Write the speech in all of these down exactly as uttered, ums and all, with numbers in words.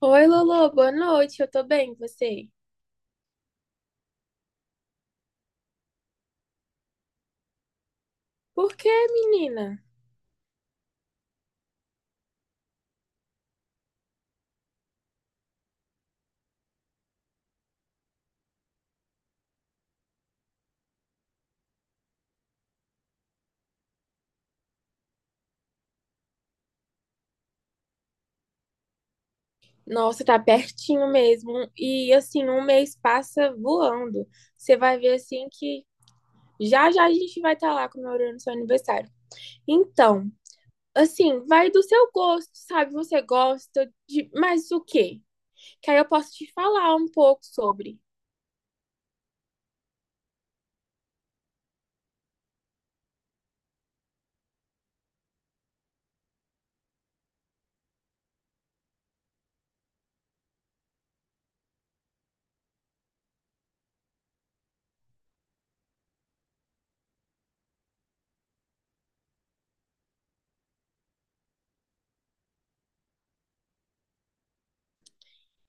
Oi, Lolo, boa noite. Eu tô bem, e você? Por que, menina? Nossa, tá pertinho mesmo. E assim, um mês passa voando. Você vai ver assim que já já a gente vai estar lá comemorando seu aniversário. Então, assim, vai do seu gosto, sabe? Você gosta de mais o quê? Que aí eu posso te falar um pouco sobre.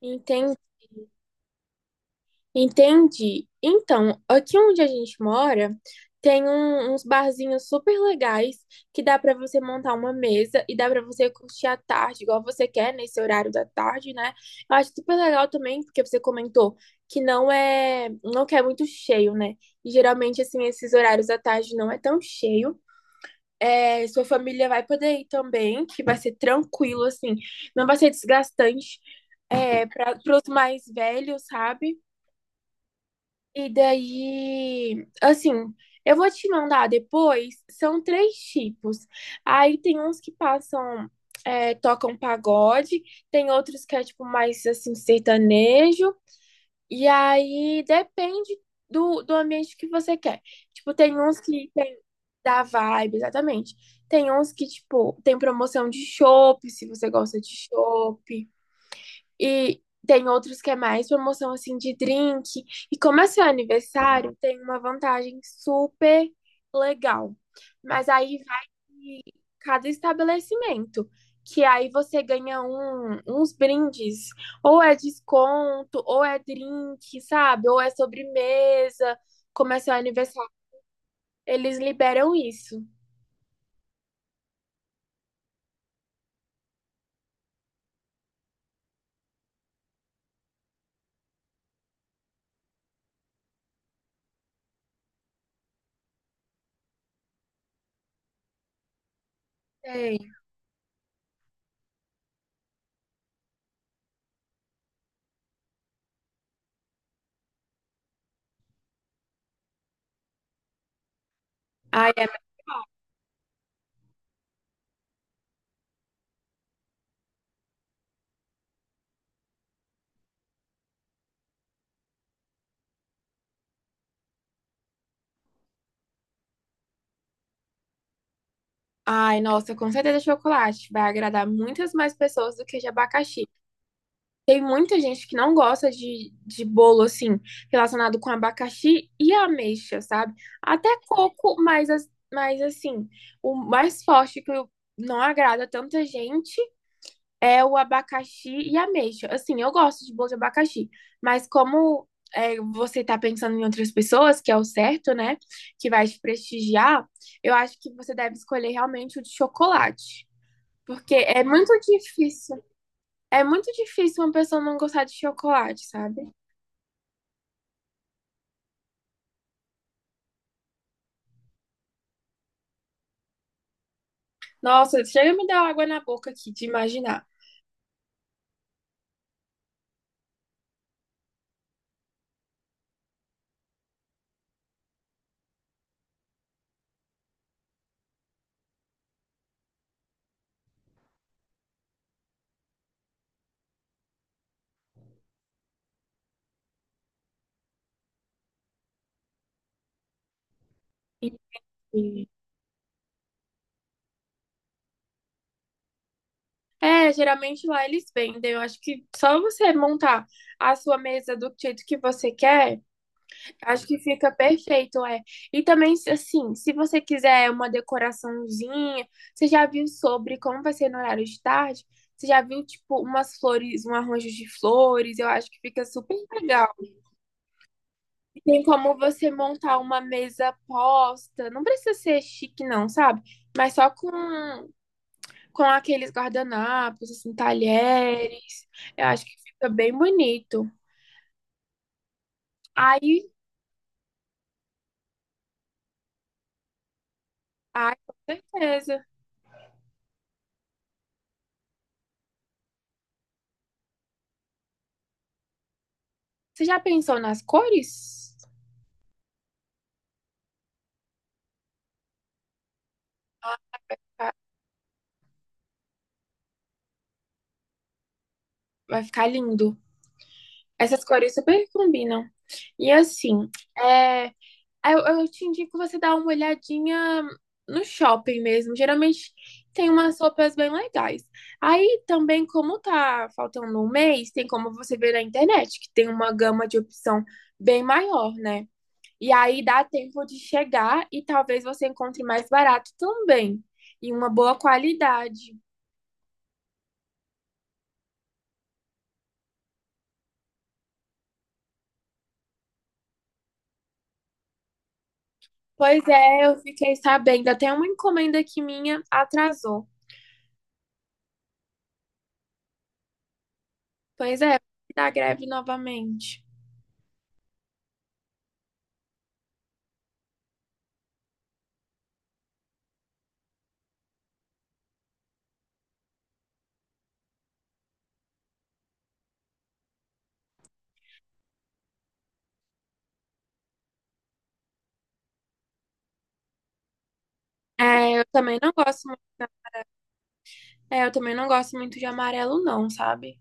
Entende? Entendi. Então, aqui onde a gente mora, tem um- uns barzinhos super legais que dá pra você montar uma mesa e dá pra você curtir à tarde, igual você quer, nesse horário da tarde, né? Eu acho super legal também, porque você comentou que não é, não quer muito cheio, né? E geralmente, assim, esses horários da tarde não é tão cheio. É, sua família vai poder ir também, que vai ser tranquilo, assim, não vai ser desgastante. É, para os mais velhos, sabe? E daí, assim, eu vou te mandar depois. São três tipos. Aí tem uns que passam, é, tocam pagode, tem outros que é tipo mais assim, sertanejo. E aí depende do, do ambiente que você quer. Tipo, tem uns que tem da vibe, exatamente. Tem uns que, tipo, tem promoção de chopp, se você gosta de chopp. E tem outros que é mais promoção assim de drink. E como é seu aniversário, tem uma vantagem super legal. Mas aí vai de cada estabelecimento, que aí você ganha um, uns brindes, ou é desconto, ou é drink, sabe? Ou é sobremesa. Como é seu aniversário, eles liberam isso. Sei. Ai, é- ai, nossa, com certeza chocolate. Vai agradar muitas mais pessoas do que de abacaxi. Tem muita gente que não gosta de, de bolo, assim, relacionado com abacaxi e ameixa, sabe? Até coco, mas, as- mas assim, o mais forte que eu- não agrada tanta gente é o abacaxi e ameixa. Assim, eu gosto de bolo de abacaxi, mas como é, você tá pensando em outras pessoas, que é o certo, né? Que vai te prestigiar, eu acho que você deve escolher realmente o de chocolate. Porque é muito difícil. É muito difícil uma pessoa não gostar de chocolate, sabe? Nossa, chega a me dar água na boca aqui de imaginar. Enfim. É, geralmente lá eles vendem. Eu acho que só você montar a sua mesa do jeito que você quer, acho que fica perfeito, é. E também, se- assim, se você quiser uma decoraçãozinha, você já viu sobre como vai ser no horário de tarde? Você já viu, tipo, umas flores, um arranjo de flores? Eu acho que fica super legal. Tem como você montar uma mesa posta. Não precisa ser chique, não, sabe? Mas só com, com aqueles guardanapos, assim, talheres. Eu acho que fica bem bonito. Aí, ai, com certeza. Você já pensou nas cores? Ah, vai ficar lindo. Essas cores super combinam. E assim, é, Eu, eu te indico você dar uma olhadinha no shopping mesmo. Geralmente tem umas roupas bem legais. Aí também, como tá faltando um mês, tem como você ver na internet, que tem uma gama de opção bem maior, né? E aí dá tempo de chegar e talvez você encontre mais barato também. E uma boa qualidade. Pois é, eu fiquei sabendo. Até uma encomenda que minha atrasou. Pois é, da greve novamente. É, eu também não gosto É, eu também não gosto muito de amarelo, não, sabe?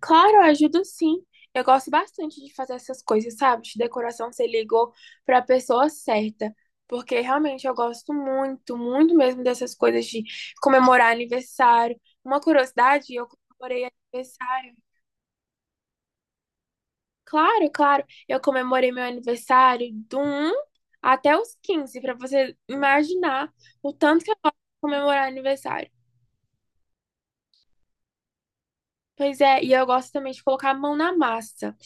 Claro, eu ajudo sim. Eu gosto bastante de fazer essas coisas, sabe? De decoração, você ligou pra pessoa certa. Porque realmente eu gosto muito, muito mesmo dessas coisas de comemorar aniversário. Uma curiosidade, eu comemorei aniversário. Claro, claro. Eu comemorei meu aniversário do um até os quinze pra você imaginar o tanto que eu gosto de comemorar aniversário. Pois é, e eu gosto também de colocar a mão na massa.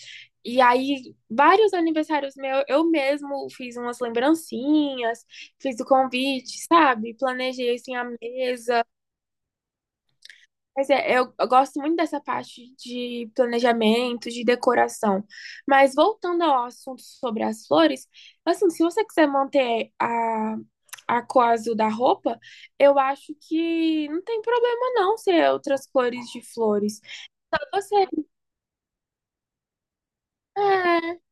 E aí, vários aniversários meus, eu mesmo fiz umas lembrancinhas, fiz o convite, sabe? Planejei assim a mesa. Mas é, eu, eu gosto muito dessa parte de planejamento, de decoração. Mas voltando ao assunto sobre as flores, assim, se você quiser manter a, a cor azul da roupa, eu acho que não tem problema não ser outras cores de flores. Você, é,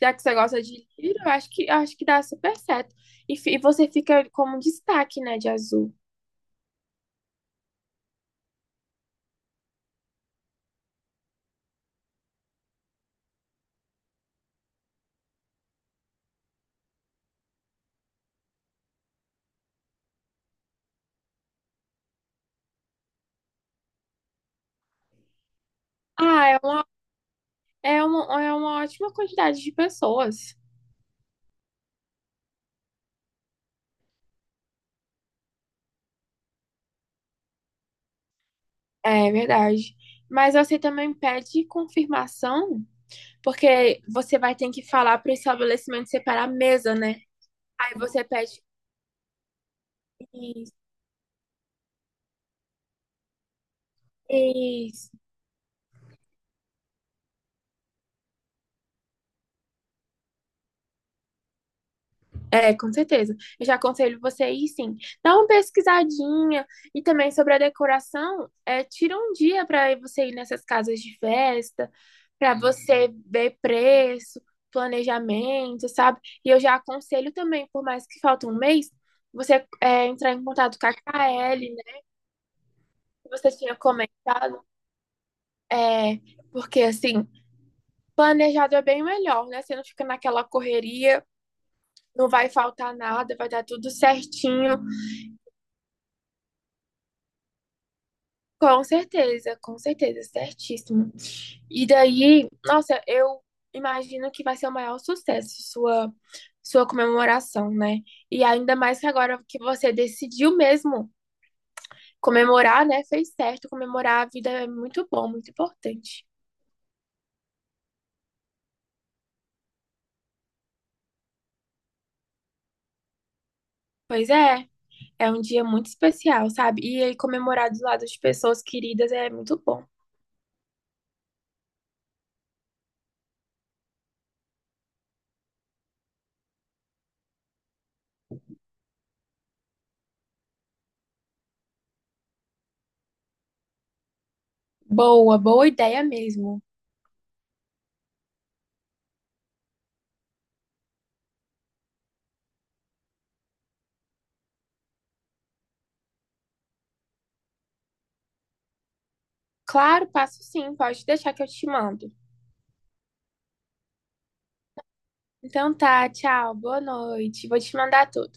já que você gosta de livro, eu acho que, eu acho que dá super certo. E, fi- e você fica como um destaque, né, de azul. Ah, é uma, é uma, é uma ótima quantidade de pessoas. É verdade. Mas você também pede confirmação, porque você vai ter que falar para o estabelecimento separar a mesa, né? Aí você pede isso, isso. É, com certeza. Eu já aconselho você aí, sim. Dá uma pesquisadinha e também sobre a decoração, é, tira um dia para você ir nessas casas de festa, para você ver preço, planejamento, sabe? E eu já aconselho também, por mais que falte um mês, você é, entrar em contato com a K L, né? Que você tinha comentado, é, porque assim, planejado é bem melhor, né? Você não fica naquela correria, não vai faltar nada, vai dar tudo certinho. Com certeza, com certeza, certíssimo. E daí, nossa, eu imagino que vai ser o maior sucesso sua sua comemoração, né? E ainda mais que agora que você decidiu mesmo comemorar, né? Fez certo, comemorar a vida é muito bom, muito importante. Pois é, é um dia muito especial, sabe? E aí comemorar do lado de pessoas queridas é muito bom. Boa, boa ideia mesmo. Claro, passo sim, pode deixar que eu te mando. Então tá, tchau, boa noite. Vou te mandar tudo.